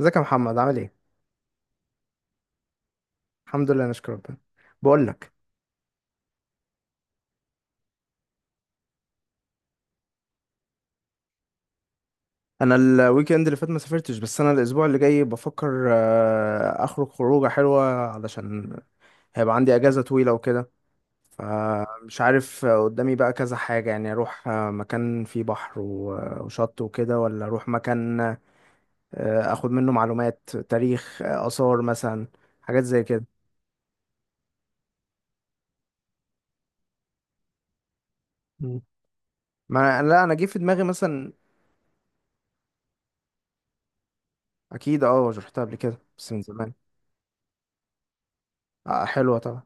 ازيك يا محمد؟ عامل ايه؟ الحمد لله، نشكر ربنا. بقول لك. انا الويك اند اللي فات ما سافرتش، بس انا الاسبوع اللي جاي بفكر اخرج خروجه حلوه. علشان هيبقى عندي اجازه طويله وكده. فمش عارف، قدامي بقى كذا حاجه، يعني اروح مكان فيه بحر وشط وكده، ولا اروح مكان اخد منه معلومات تاريخ، اثار مثلا. حاجات زي كده. مم. ما، لا، انا جه في دماغي مثلا. اكيد، اه رحتها قبل كده بس من زمان. حلوه طبعا.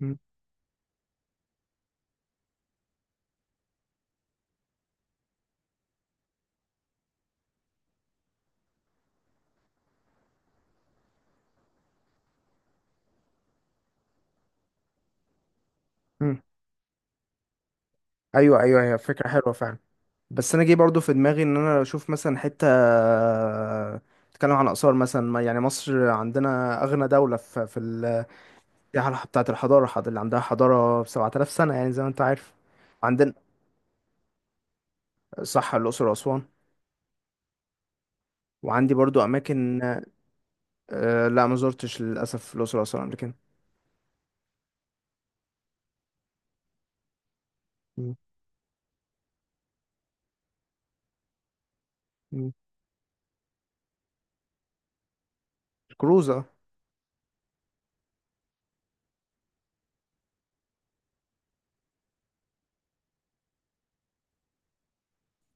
مم. مم. ايوه، ايوه، هي فكره حلوه فعلا. بس انا جه برضو في دماغي ان انا اشوف مثلا حته تتكلم عن اثار مثلا، يعني مصر عندنا اغنى دوله في السياحه بتاعه الحضاره، اللي عندها حضاره ب 7000 سنه، يعني زي ما انت عارف عندنا. صح، الاقصر واسوان. وعندي برضو اماكن. لا، ما زرتش للاسف الاقصر واسوان قبل كده. مم. مم. الكروزه.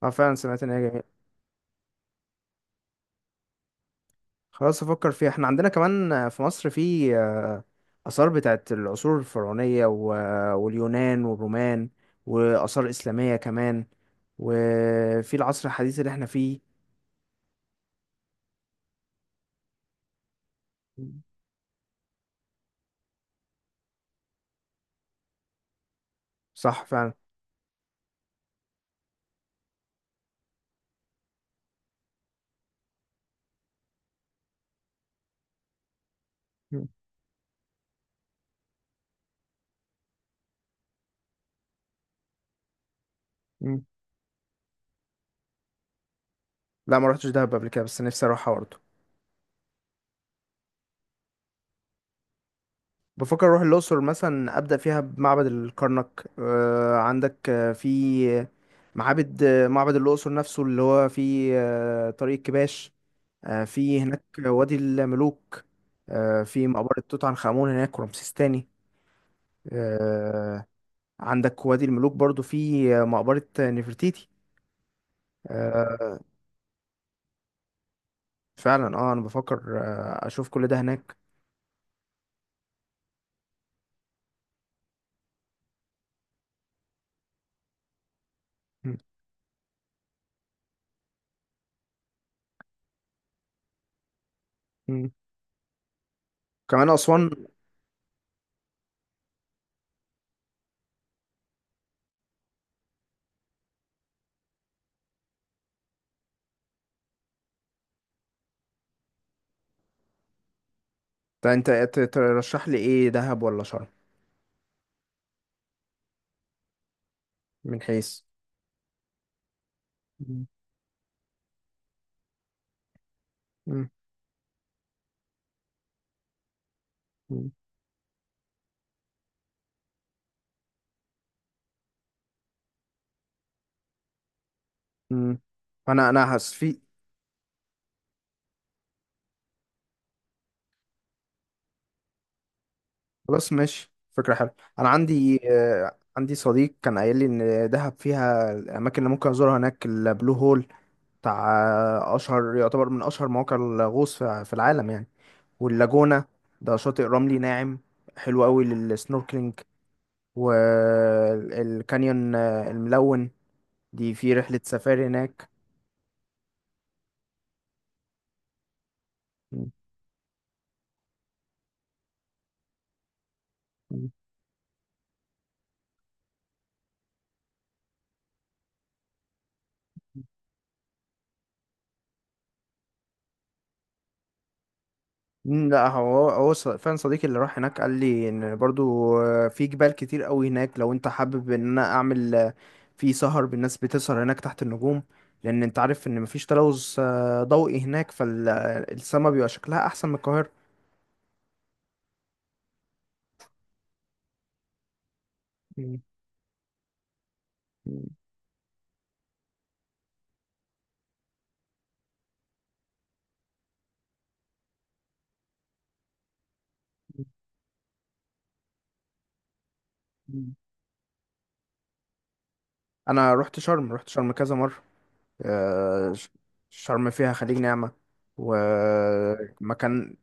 اه فعلا سمعت ان هي جميله. خلاص، افكر فيها. احنا عندنا كمان في مصر، في اثار بتاعت العصور الفرعونيه، واليونان والرومان، واثار اسلاميه كمان، وفي العصر الحديث اللي احنا فيه. صح فعلا. مم. مم. لا، ما رحتش دهب قبل كده، بس نفسي اروحها برضه. بفكر اروح الاقصر مثلا، ابدا فيها بمعبد الكرنك. عندك في معابد، معبد الاقصر نفسه اللي هو في طريق الكباش. في هناك وادي الملوك. في مقبرة توت عنخ آمون هناك، ورمسيس تاني. آه، عندك وادي الملوك برضو، في مقبرة نفرتيتي. آه، فعلا، اه انا بفكر اشوف كل ده هناك. م- م. كمان اسوان. طب انت ترشح لي ايه، دهب ولا شرم؟ من حيث. م- م- م. مم. انا حاسس في. خلاص ماشي، فكرة حلوة. أنا عندي صديق كان قايل لي إن دهب فيها الأماكن اللي ممكن أزورها هناك، البلو هول بتاع أشهر، يعتبر من أشهر مواقع الغوص في العالم يعني. واللاجونة، ده شاطئ رملي ناعم، حلو قوي للسنوركلينج، والكانيون الملون، دي في رحلة سفاري هناك. لا هو فعلا، صديقي اللي راح هناك قال لي ان برضو في جبال كتير قوي هناك. لو انت حابب ان انا اعمل في سهر بالناس بتسهر هناك تحت النجوم، لان انت عارف ان مفيش تلوث ضوئي هناك، فالسما بيبقى شكلها احسن من القاهرة. مم. مم. انا رحت شرم، رحت شرم كذا مرة. آه، ش- شرم فيها خليج نعمة ومكان.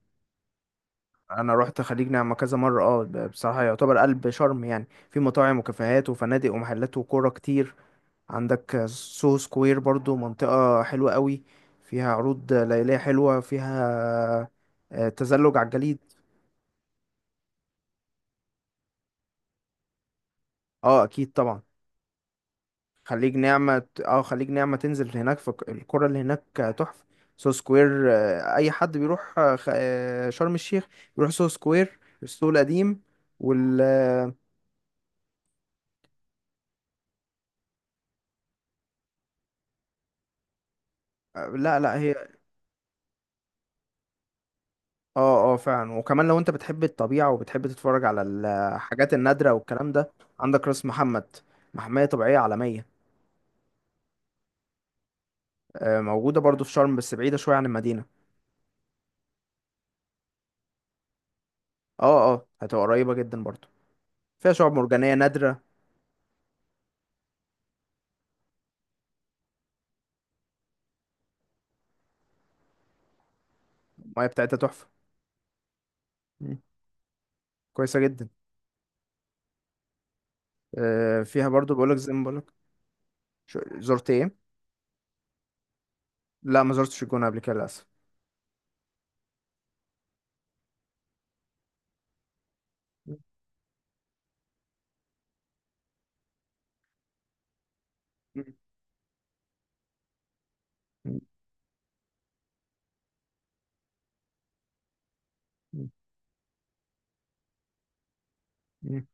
انا رحت خليج نعمة كذا مرة. اه، بصراحة يعتبر قلب شرم، يعني في مطاعم وكافيهات وفنادق ومحلات وكورة كتير. عندك سوهو سكوير برضو، منطقة حلوة قوي، فيها عروض ليلية حلوة، فيها تزلج على الجليد. اه، اكيد طبعا. خليج نعمة تنزل هناك في القرى اللي هناك، تحفة. سوهو سكوير، اي حد بيروح شرم الشيخ بيروح سوهو سكوير، السوق القديم، وال آه، لا، لا، هي. اه، اه، فعلا، وكمان لو انت بتحب الطبيعة وبتحب تتفرج على الحاجات النادرة والكلام ده. عندك راس محمد، محمية طبيعية عالمية. موجودة برضو في شرم بس بعيدة شوية عن المدينة. اه، اه، هتبقى قريبة جدا برضو، فيها شعاب مرجانية نادرة. المياه بتاعتها تحفة. مم. كويسة جدا. فيها برضو بقولك زي ما بقولك. زرت ايه؟ لا، ما زرتش الجونة قبل كده للأسف. مم. مم. مم. مم.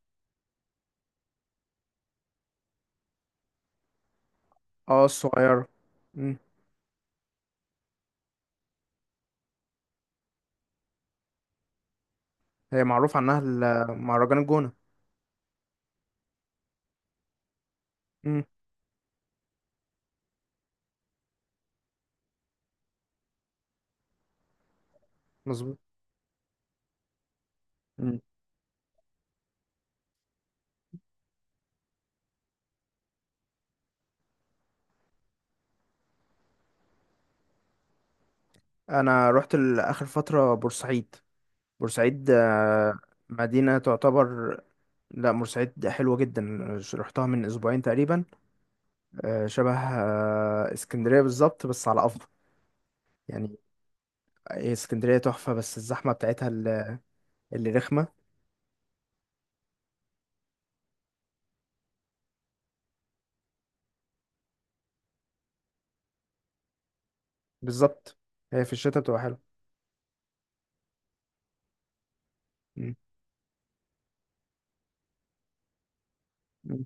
اه، الصغيرة. مم. هي معروف عنها مهرجان الجونة. مم. مظبوط. انا رحت لاخر فتره بورسعيد. بورسعيد، مدينه تعتبر. لا، بورسعيد حلوه جدا، رحتها من اسبوعين تقريبا. شبه اسكندريه بالظبط، بس على افضل، يعني. هي اسكندريه تحفه، بس الزحمه بتاعتها اللي رخمه، بالظبط. هي في الشتاء بتبقى حلوه. مم. مم.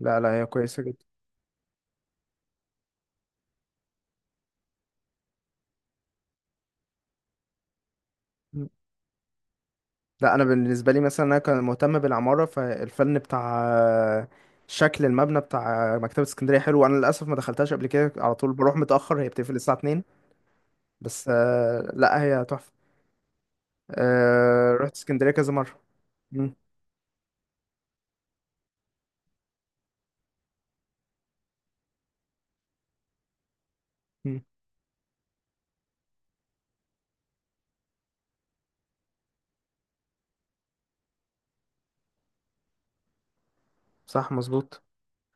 لا، لا، هي كويسه جدا. لا، انا بالنسبه لي مثلا، انا كان مهتم بالعماره، فالفن بتاع شكل المبنى بتاع مكتبه اسكندريه حلو. انا للاسف ما دخلتهاش قبل كده، على طول بروح متاخر، هي بتقفل الساعه 2. بس لا، هي تحفه. رحت اسكندريه كذا مره. مم. مم. صح، مظبوط.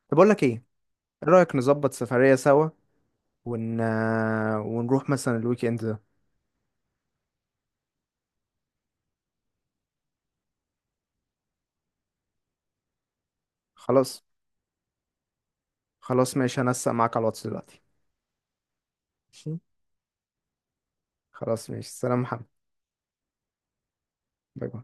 طب اقول لك ايه، ايه رايك نظبط سفريه سوا ون... آه، ونروح مثلا الويك اند ده. خلاص. خلاص، ماشي، هنسق معاك على الواتس دلوقتي. ماشي. خلاص، ماشي، سلام محمد. باي باي.